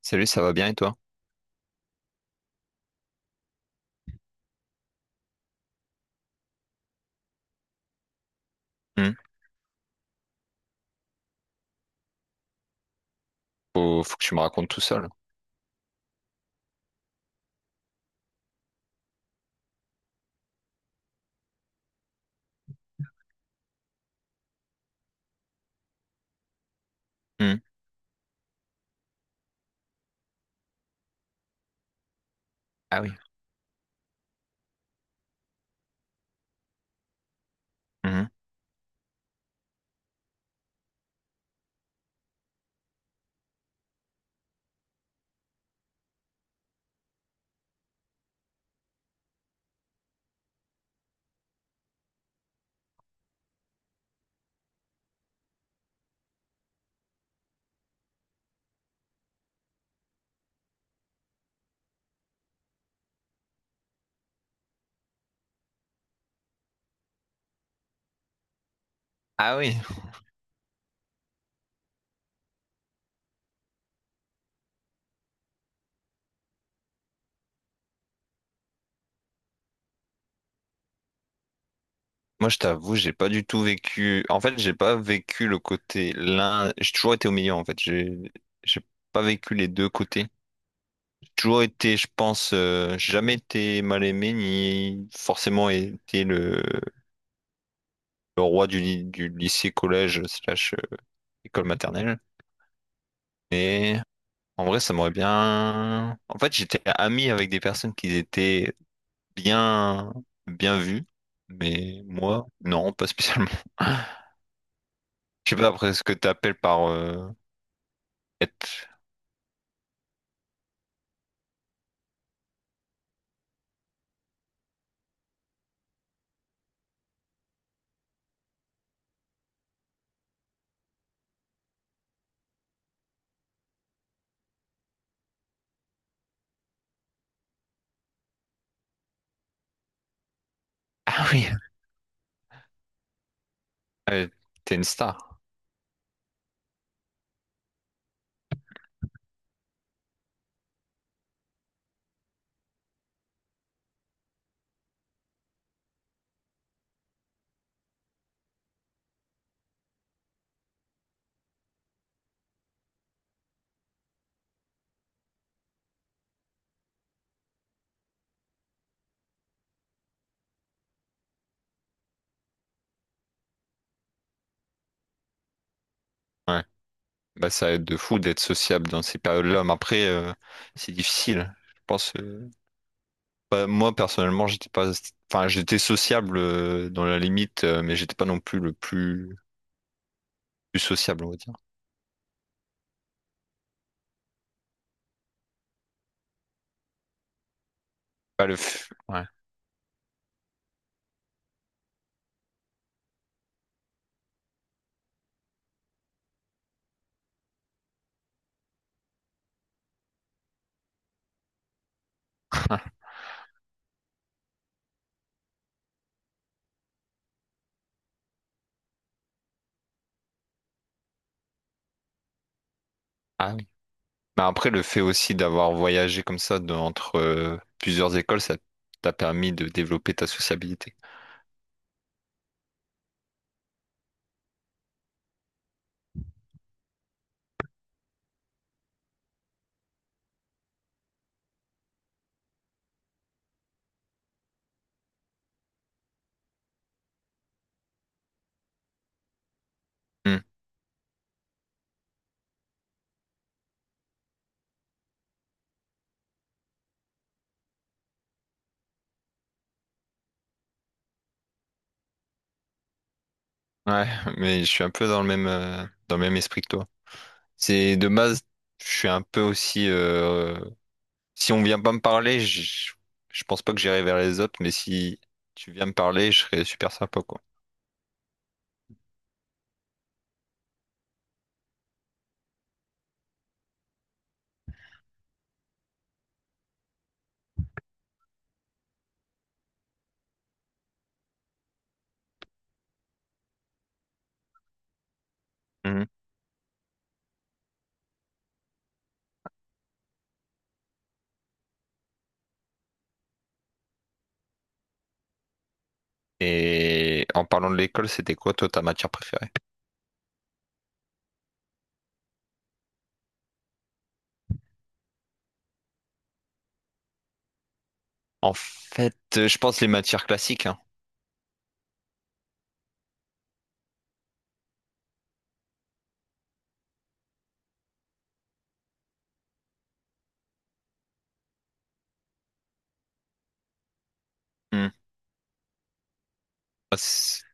Salut, ça va bien et toi? Hmm. Faut que tu me racontes tout ça là. Hmm. Ah oui. Mhm. Ah oui. Moi, je t'avoue, j'ai pas du tout vécu. En fait, j'ai pas vécu le côté l'un. J'ai toujours été au milieu en fait. J'ai pas vécu les deux côtés. J'ai toujours été, je pense, j'ai jamais été mal aimé ni forcément été le roi du, du lycée, collège, slash école maternelle. Mais en vrai, ça m'aurait bien. En fait, j'étais ami avec des personnes qui étaient bien, bien vu, mais moi, non, pas spécialement. Je sais pas après ce que t'appelles par être. Ah oui, euh, t'es une star. Ouais. Bah ça aide de fou d'être sociable dans ces périodes-là, mais après c'est difficile. Je pense. Bah, moi personnellement, j'étais pas. Enfin, j'étais sociable dans la limite, mais j'étais pas non plus plus sociable, on va dire. Pas le. Ouais. Ah oui. Mais après, le fait aussi d'avoir voyagé comme ça entre plusieurs écoles, ça t'a permis de développer ta sociabilité. Hmm. Ouais, mais je suis un peu dans le même esprit que toi. C'est de base, je suis un peu aussi. Si on vient pas me parler, je pense pas que j'irai vers les autres, mais si tu viens me parler, je serais super sympa, quoi. Mhm. Et en parlant de l'école, c'était quoi, toi, ta matière préférée? En fait, je pense les matières classiques, hein. Hmm. Ah c'est-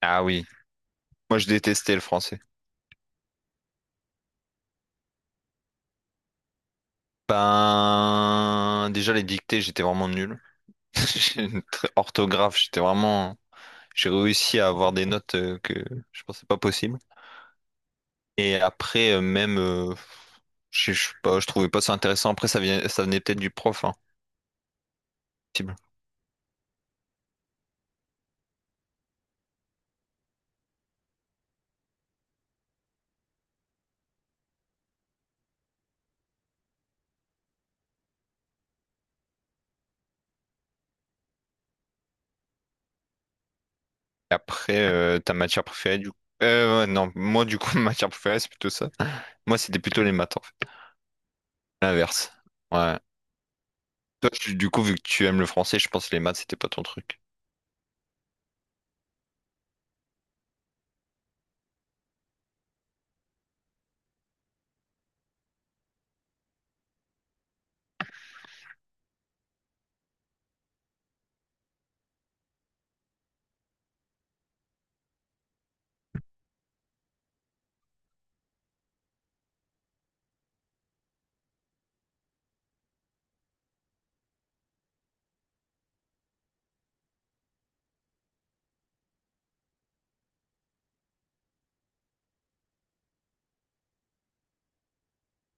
ah oui, moi je détestais le français. Ben, déjà les dictées, j'étais vraiment nul. J'ai une orthographe, j'étais vraiment. J'ai réussi à avoir des notes que je pensais pas possible. Et après, je sais pas, je trouvais pas ça intéressant. Après, ça venait peut-être du prof, hein. Après, ta matière préférée, du coup. Ouais, non, moi, du coup, ma matière préférée, c'est plutôt ça. Moi, c'était plutôt les maths, en fait. L'inverse. Ouais. Du coup, vu que tu aimes le français, je pense que les maths, c'était pas ton truc.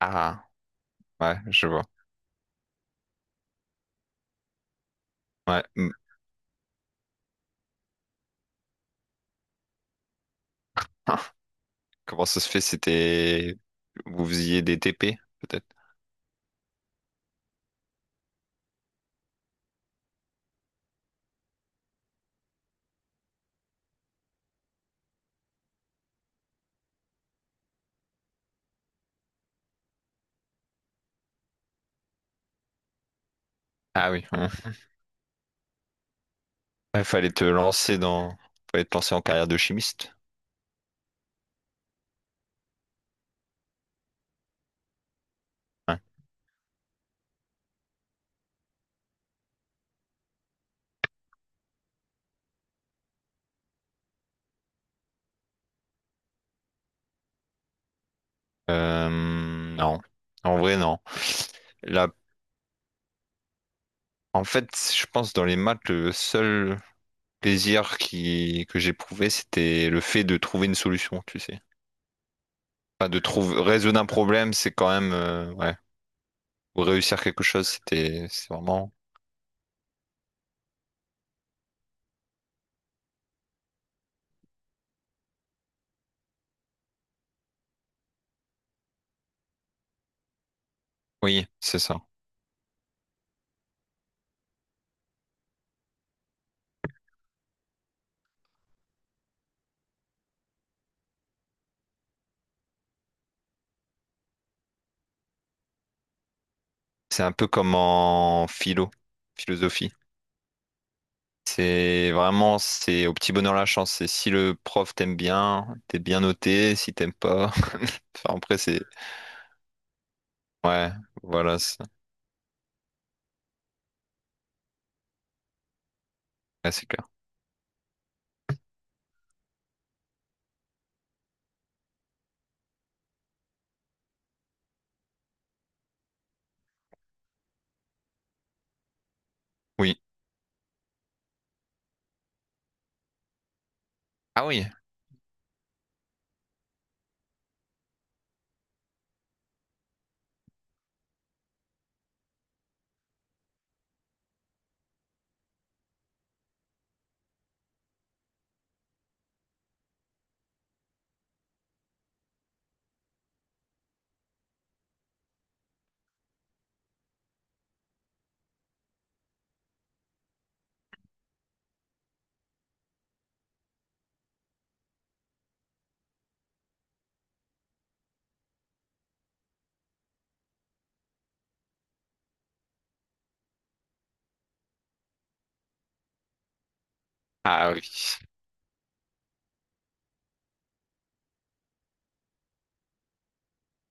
Ah, ouais, je vois. Ouais. Hmm. Ah, comment ça se fait? C'était. Vous faisiez des TP, peut-être? Ah oui. Ouais. Il fallait te lancer dans, fallait te lancer en carrière de chimiste. Ouais. Non, en vrai non. Là, en fait, je pense dans les maths, le seul plaisir qui que j'éprouvais, c'était le fait de trouver une solution, tu sais. Enfin, de trouver résoudre un problème, c'est quand même ouais. Ou réussir quelque chose, c'était c'est vraiment. Oui, c'est ça. C'est un peu comme en philo, philosophie. C'est vraiment, c'est au petit bonheur la chance. C'est si le prof t'aime bien, t'es bien noté, si t'aimes pas. Enfin, après, c'est. Ouais, voilà, c'est ouais, c'est clair. Oui. Ah oui. Ah oui.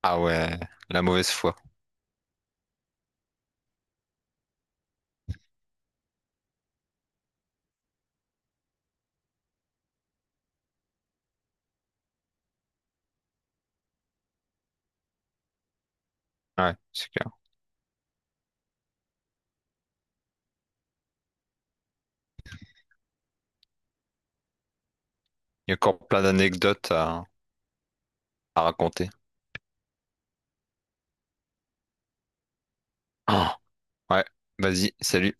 Ah ouais, la mauvaise foi. Ouais, c'est clair. Il y a encore plein d'anecdotes à raconter. Ah, ouais, vas-y, salut.